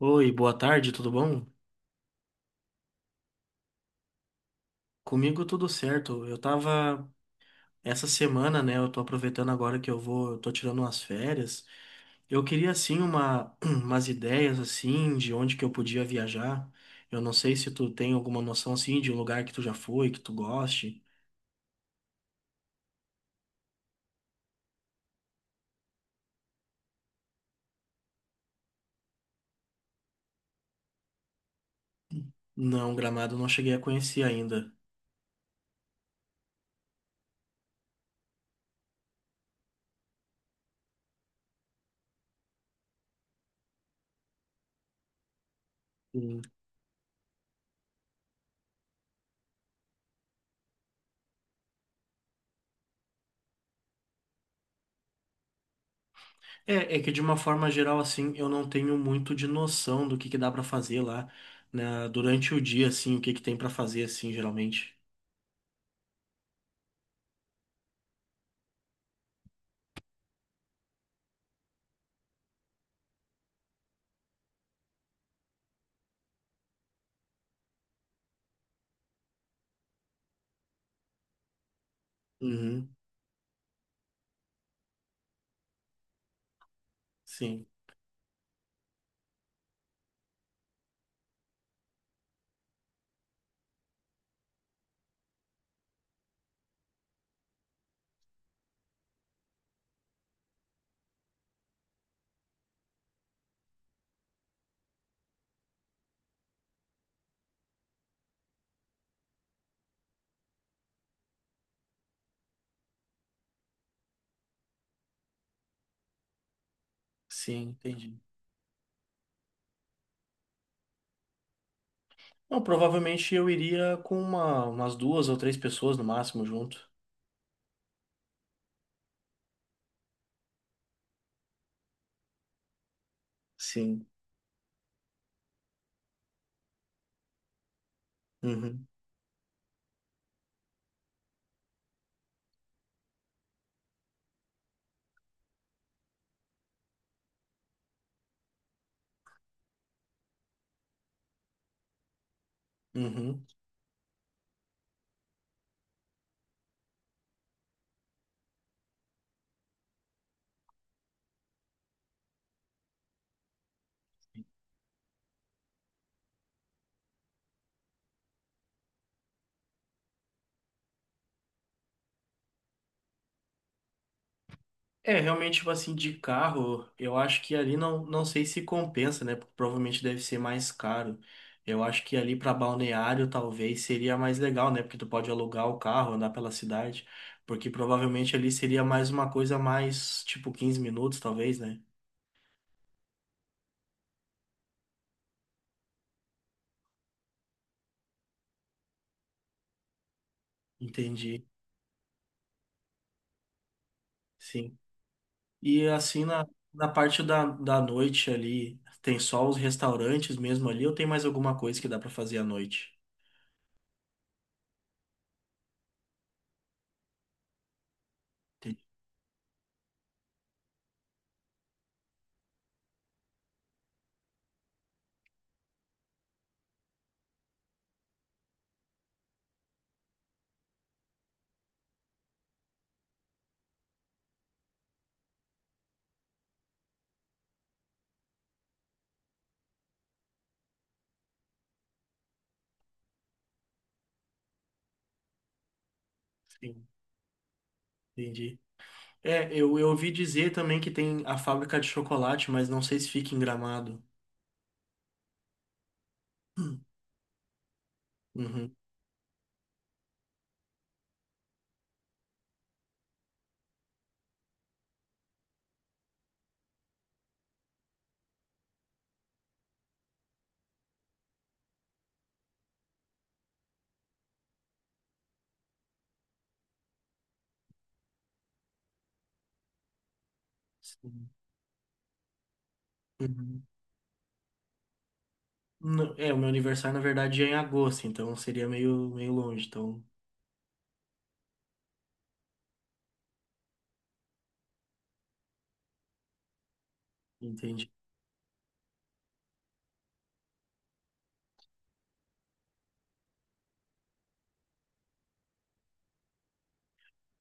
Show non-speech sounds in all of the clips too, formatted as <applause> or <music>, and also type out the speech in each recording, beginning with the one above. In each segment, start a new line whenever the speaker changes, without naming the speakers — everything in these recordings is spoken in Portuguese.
Oi, boa tarde, tudo bom? Comigo tudo certo. Eu tava essa semana, né? Eu tô aproveitando agora que eu tô tirando umas férias. Eu queria assim uma <clears throat> umas ideias assim de onde que eu podia viajar. Eu não sei se tu tem alguma noção assim de um lugar que tu já foi, que tu goste. Não, Gramado eu não cheguei a conhecer ainda. Hum. É que de uma forma geral assim, eu não tenho muito de noção do que dá pra fazer lá, né, durante o dia assim, o que que tem pra fazer assim, geralmente. Uhum, sim. Sim, entendi. Não, provavelmente eu iria com umas duas ou três pessoas no máximo junto. Sim. Uhum. Uhum. É, realmente, tipo assim, de carro, eu acho que ali não sei se compensa, né? Porque provavelmente deve ser mais caro. Eu acho que ali para balneário talvez seria mais legal, né? Porque tu pode alugar o carro, andar pela cidade. Porque provavelmente ali seria mais uma coisa mais, tipo, 15 minutos, talvez, né? Entendi. Sim. E assim, na parte da noite ali, tem só os restaurantes mesmo ali, ou tem mais alguma coisa que dá pra fazer à noite? Entendi. Sim, entendi. É, eu ouvi dizer também que tem a fábrica de chocolate, mas não sei se fica em Gramado. <clears throat> Uhum, sim, uhum. Não, é, o meu aniversário, na verdade, é em agosto, então seria meio longe, então entendi.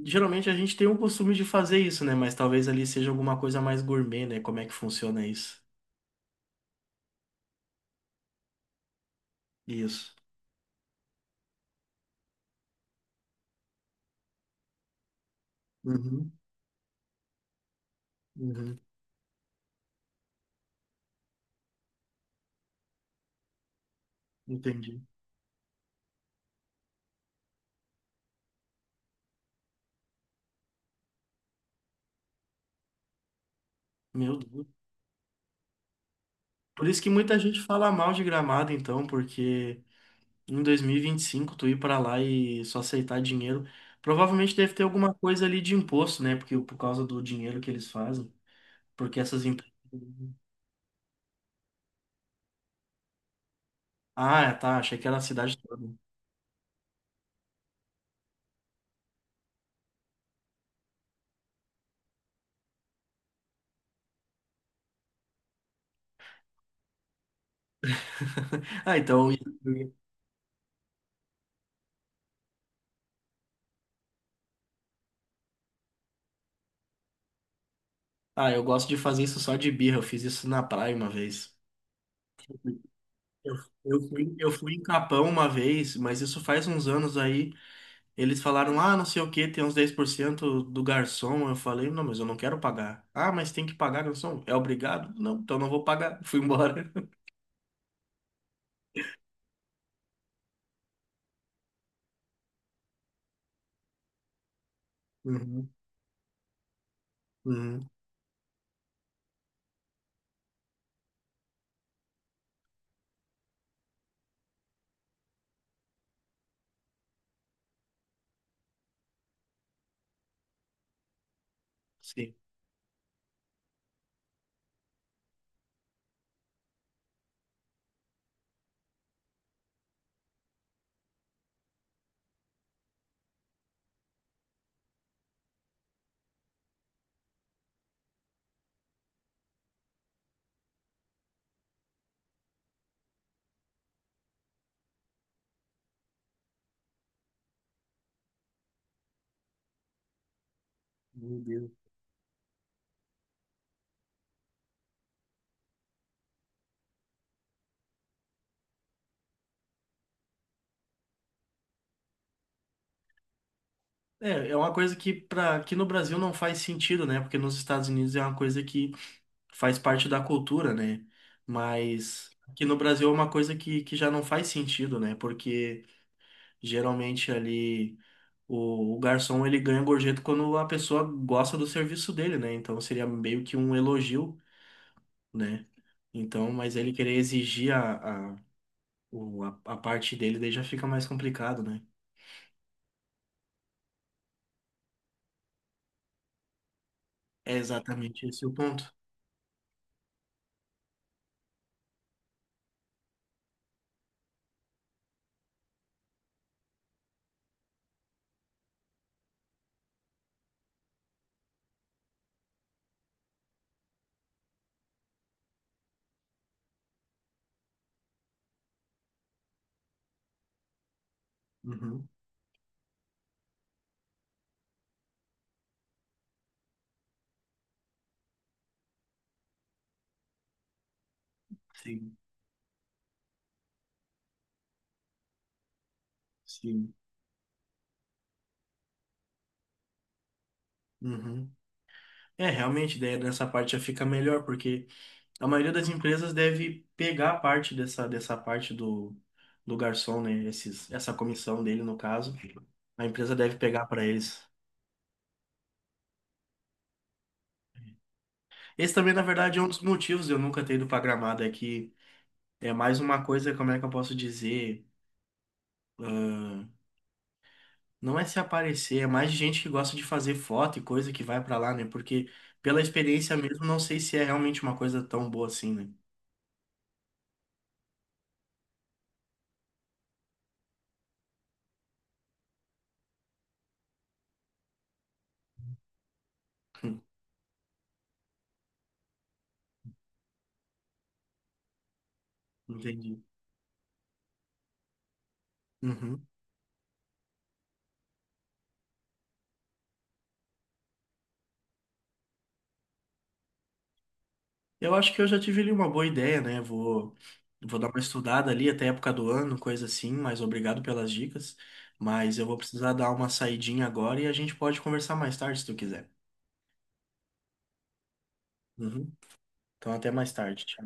Geralmente a gente tem o costume de fazer isso, né? Mas talvez ali seja alguma coisa mais gourmet, né? Como é que funciona isso? Isso. Uhum, uhum. Entendi. Meu Deus. Por isso que muita gente fala mal de Gramado, então, porque em 2025 tu ir pra lá e só aceitar dinheiro, provavelmente deve ter alguma coisa ali de imposto, né? Porque por causa do dinheiro que eles fazem, porque essas empresas. Ah, tá, achei que era a cidade toda. <laughs> Ah, então. Ah, eu gosto de fazer isso só de birra, eu fiz isso na praia uma vez. Eu, eu fui em Capão uma vez, mas isso faz uns anos aí. Eles falaram, ah, não sei o que, tem uns 10% do garçom. Eu falei, não, mas eu não quero pagar. Ah, mas tem que pagar, garçom. É obrigado? Não, então não vou pagar. Fui embora. <laughs> Uhum, uhum, sim. Meu Deus. É uma coisa que, para que no Brasil não faz sentido, né? Porque nos Estados Unidos é uma coisa que faz parte da cultura, né? Mas aqui no Brasil é uma coisa que já não faz sentido, né? Porque geralmente ali. O garçom ele ganha gorjeta quando a pessoa gosta do serviço dele, né? Então seria meio que um elogio, né? Então, mas ele querer exigir a parte dele daí já fica mais complicado, né? É exatamente esse o ponto. Uhum, sim, sim. Uhum. É, realmente, daí nessa parte já fica melhor, porque a maioria das empresas deve pegar a parte dessa parte do garçom, né? Essa comissão dele, no caso. A empresa deve pegar para eles. Esse também, na verdade, é um dos motivos de eu nunca ter ido pra Gramado, é que é mais uma coisa, como é que eu posso dizer? ahn, não é se aparecer, é mais gente que gosta de fazer foto e coisa que vai pra lá, né? Porque pela experiência mesmo, não sei se é realmente uma coisa tão boa assim, né? Hum, entendi. Uhum. Eu acho que eu já tive ali uma boa ideia, né? Vou dar uma estudada ali até a época do ano, coisa assim, mas obrigado pelas dicas. Mas eu vou precisar dar uma saidinha agora e a gente pode conversar mais tarde, se tu quiser. Uhum. Então, até mais tarde. Tchau.